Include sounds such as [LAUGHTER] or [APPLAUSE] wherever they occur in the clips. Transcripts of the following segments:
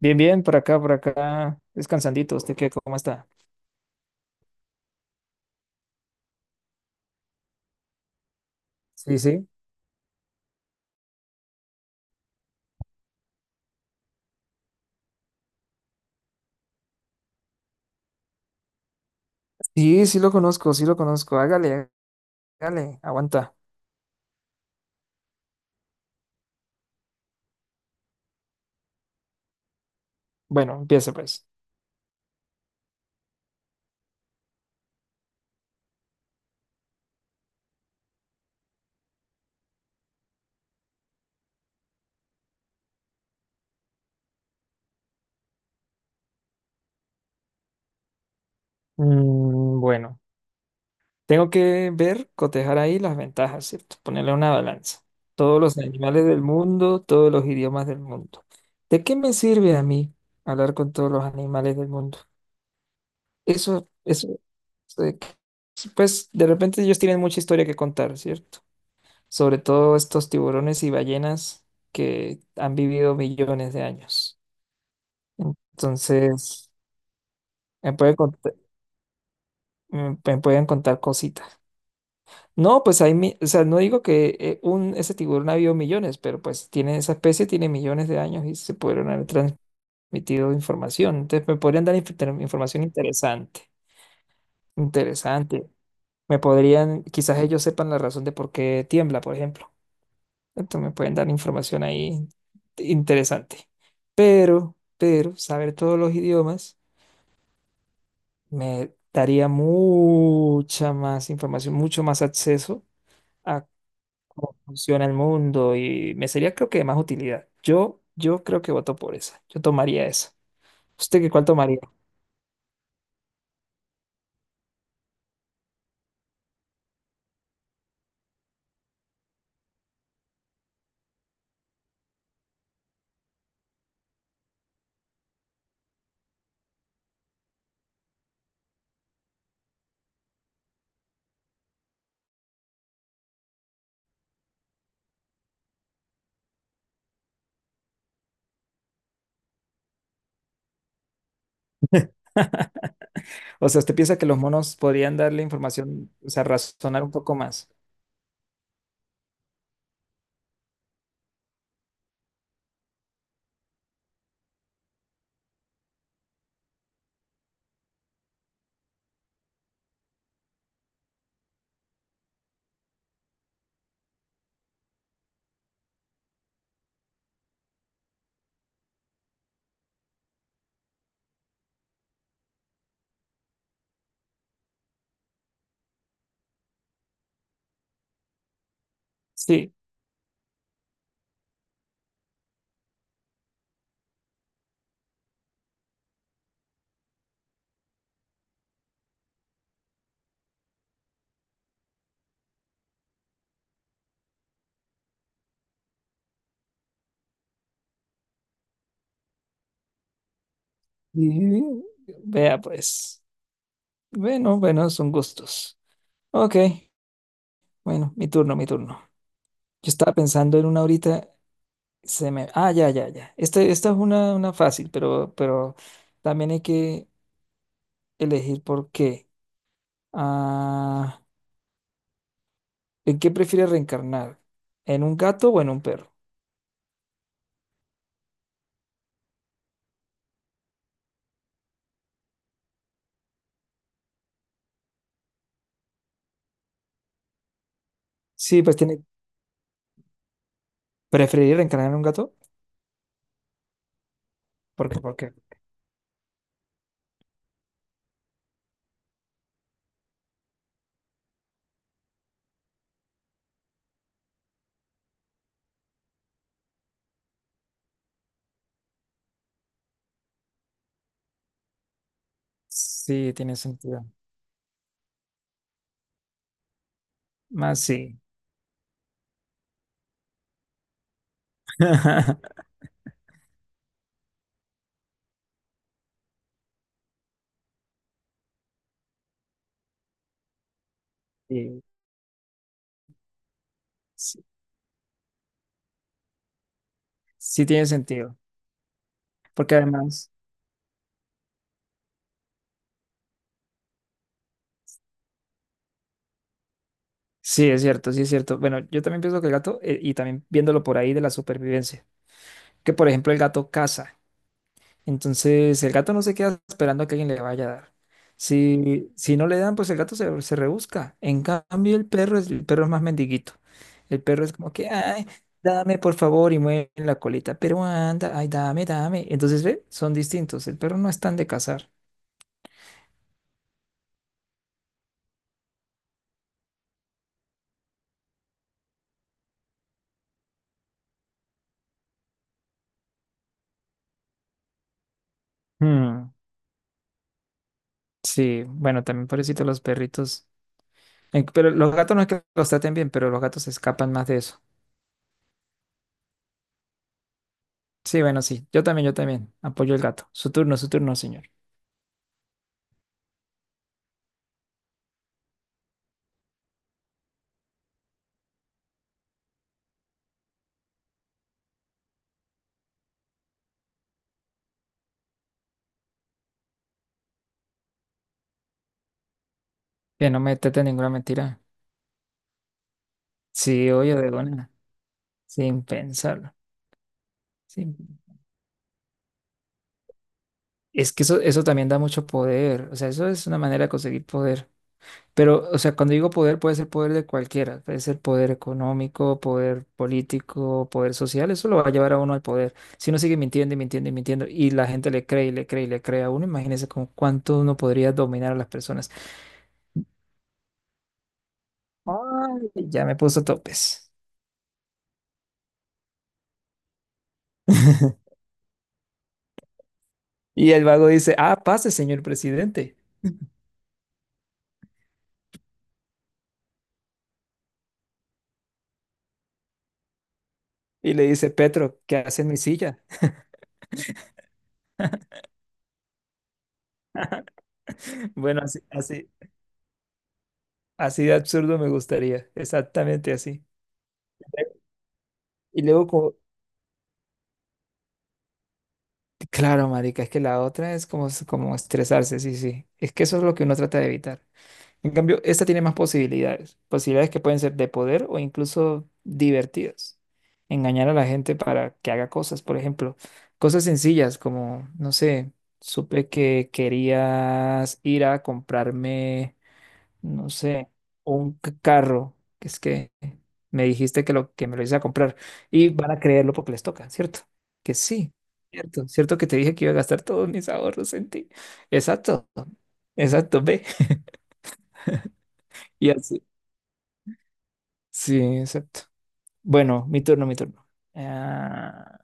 Bien, bien, por acá, descansandito. ¿Usted qué? ¿Cómo está? Sí, sí. Sí, sí lo conozco, sí lo conozco. Hágale, hágale, aguanta. Bueno, empiece pues. Bueno, tengo que ver, cotejar ahí las ventajas, ¿cierto? Ponerle una balanza. Todos los animales del mundo, todos los idiomas del mundo. ¿De qué me sirve a mí hablar con todos los animales del mundo? Eso, eso de que- pues de repente ellos tienen mucha historia que contar, ¿cierto? Sobre todo estos tiburones y ballenas que han vivido millones de años. Entonces, me pueden contar, me pueden contar cositas. No, pues hay, o sea, no digo que ese tiburón ha vivido millones, pero pues tiene, esa especie tiene millones de años y se pudieron haber transmitido información. Entonces, me podrían dar información interesante, interesante. Me podrían, quizás ellos sepan la razón de por qué tiembla, por ejemplo. Entonces me pueden dar información ahí interesante. Pero saber todos los idiomas me daría mucha más información, mucho más acceso a cómo funciona el mundo y me sería creo que de más utilidad. Yo creo que voto por esa. Yo tomaría esa. ¿Usted qué cuál tomaría? O sea, ¿usted piensa que los monos podrían darle información, o sea, razonar un poco más? Sí. Y- Vea pues. Bueno, bueno, son gustos. Ok. Bueno, mi turno, mi turno. Yo estaba pensando en una ahorita, se me... Ah, ya, ya, ya. Este, esta es una fácil, pero también hay que elegir por qué. Ah, ¿en qué prefieres reencarnar? ¿En un gato o en un perro? Sí, pues tiene... ¿preferir reencarnar en un gato? ¿Por qué? ¿Por qué? Sí, tiene sentido. Más sí. [LAUGHS] Sí, sí, sí tiene sentido. Porque además, sí, es cierto, sí es cierto. Bueno, yo también pienso que el gato, y también viéndolo por ahí de la supervivencia. Que por ejemplo el gato caza. Entonces el gato no se queda esperando a que alguien le vaya a dar. Si, si no le dan, pues el gato se rebusca. En cambio el perro es más mendiguito. El perro es como que, ay, dame por favor y mueve la colita, pero anda, ay, dame, dame. Entonces, ¿ve? Son distintos. El perro no es tan de cazar. Hmm. Sí, bueno, también pobrecito los perritos. Pero los gatos no es que los traten bien, pero los gatos se escapan más de eso. Sí, bueno, sí. Yo también, yo también. Apoyo el gato. Su turno, señor. Que no metete ninguna mentira. Sí, oye, de buena, sin pensarlo. sin- Es que eso también da mucho poder. O sea, eso es una manera de conseguir poder. Pero, o sea, cuando digo poder, puede ser poder de cualquiera. Puede ser poder económico, poder político, poder social. Eso lo va a llevar a uno al poder. Si uno sigue mintiendo y mintiendo y mintiendo y la gente le cree y le cree y le cree a uno, imagínese con cuánto uno podría dominar a las personas. Ay, ya me puso topes. [LAUGHS] Y el vago dice, ah, pase, señor presidente. Y le dice, Petro, ¿qué hace en mi silla? [LAUGHS] Bueno, así, así, así de absurdo me gustaría, exactamente así. Y luego, como, claro, marica, es que la otra es como, como estresarse, sí, sí. Es que eso es lo que uno trata de evitar. En cambio, esta tiene más posibilidades, posibilidades que pueden ser de poder o incluso divertidas. Engañar a la gente para que haga cosas, por ejemplo, cosas sencillas como, no sé, supe que querías ir a comprarme, no sé, o un carro, que es que me dijiste que lo que me lo hice a comprar y van a creerlo porque les toca, ¿cierto? Que sí, cierto, cierto que te dije que iba a gastar todos mis ahorros en ti. Exacto, exacto, ve. [LAUGHS] Y así. Sí, exacto. Bueno, mi turno, mi turno. Ah,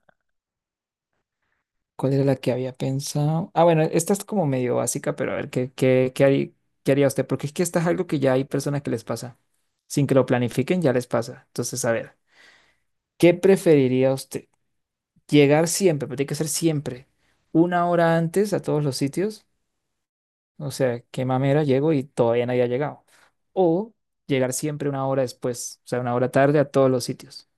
¿cuál era la que había pensado? Ah, bueno, esta es como medio básica, pero a ver, ¿qué haría usted? Porque es que esta es algo que ya hay personas que les pasa. Sin que lo planifiquen, ya les pasa. Entonces, a ver. ¿Qué preferiría usted? ¿Llegar siempre, pero tiene que ser siempre, una hora antes a todos los sitios? O sea, qué mamera, llego y todavía nadie ha llegado. O llegar siempre una hora después, o sea, una hora tarde a todos los sitios.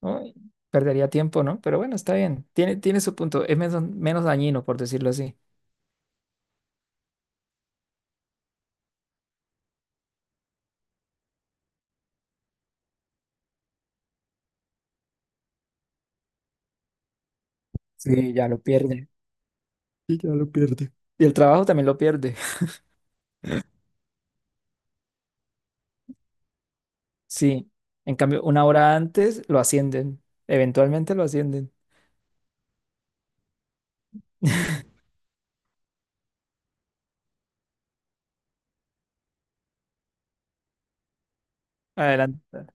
Uy, perdería tiempo, ¿no? Pero bueno, está bien. Tiene su punto. Es menos, menos dañino, por decirlo así. Sí, ya lo pierde. Y el trabajo también lo pierde. [LAUGHS] Sí. En cambio, una hora antes lo ascienden. Eventualmente lo ascienden. Adelante.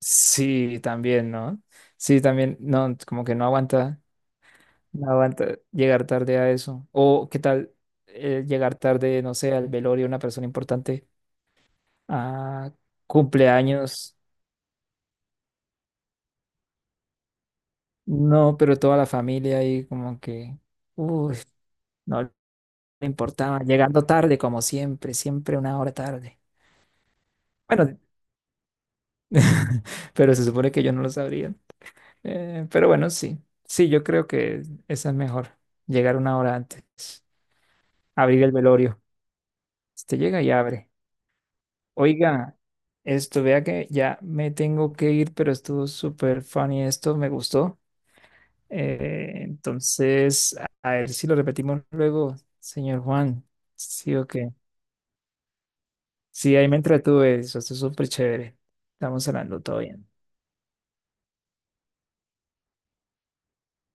Sí, también, ¿no? Sí, también, no, como que no aguanta, no aguanta llegar tarde a eso. O qué tal llegar tarde, no sé, al velorio de una persona importante, a cumpleaños, no, pero toda la familia ahí como que, uy, no le importaba, llegando tarde como siempre, siempre una hora tarde. Bueno, [LAUGHS] pero se supone que yo no lo sabría. Pero bueno, sí, sí, yo creo que esa es mejor, llegar una hora antes. Abrir el velorio. Este llega y abre. Oiga, esto, vea que ya me tengo que ir, pero estuvo súper funny esto, me gustó. Entonces, a ver si lo repetimos luego, señor Juan. ¿Sí o qué? Sí, ahí me entretuve, eso estuvo súper chévere. Estamos hablando todo bien.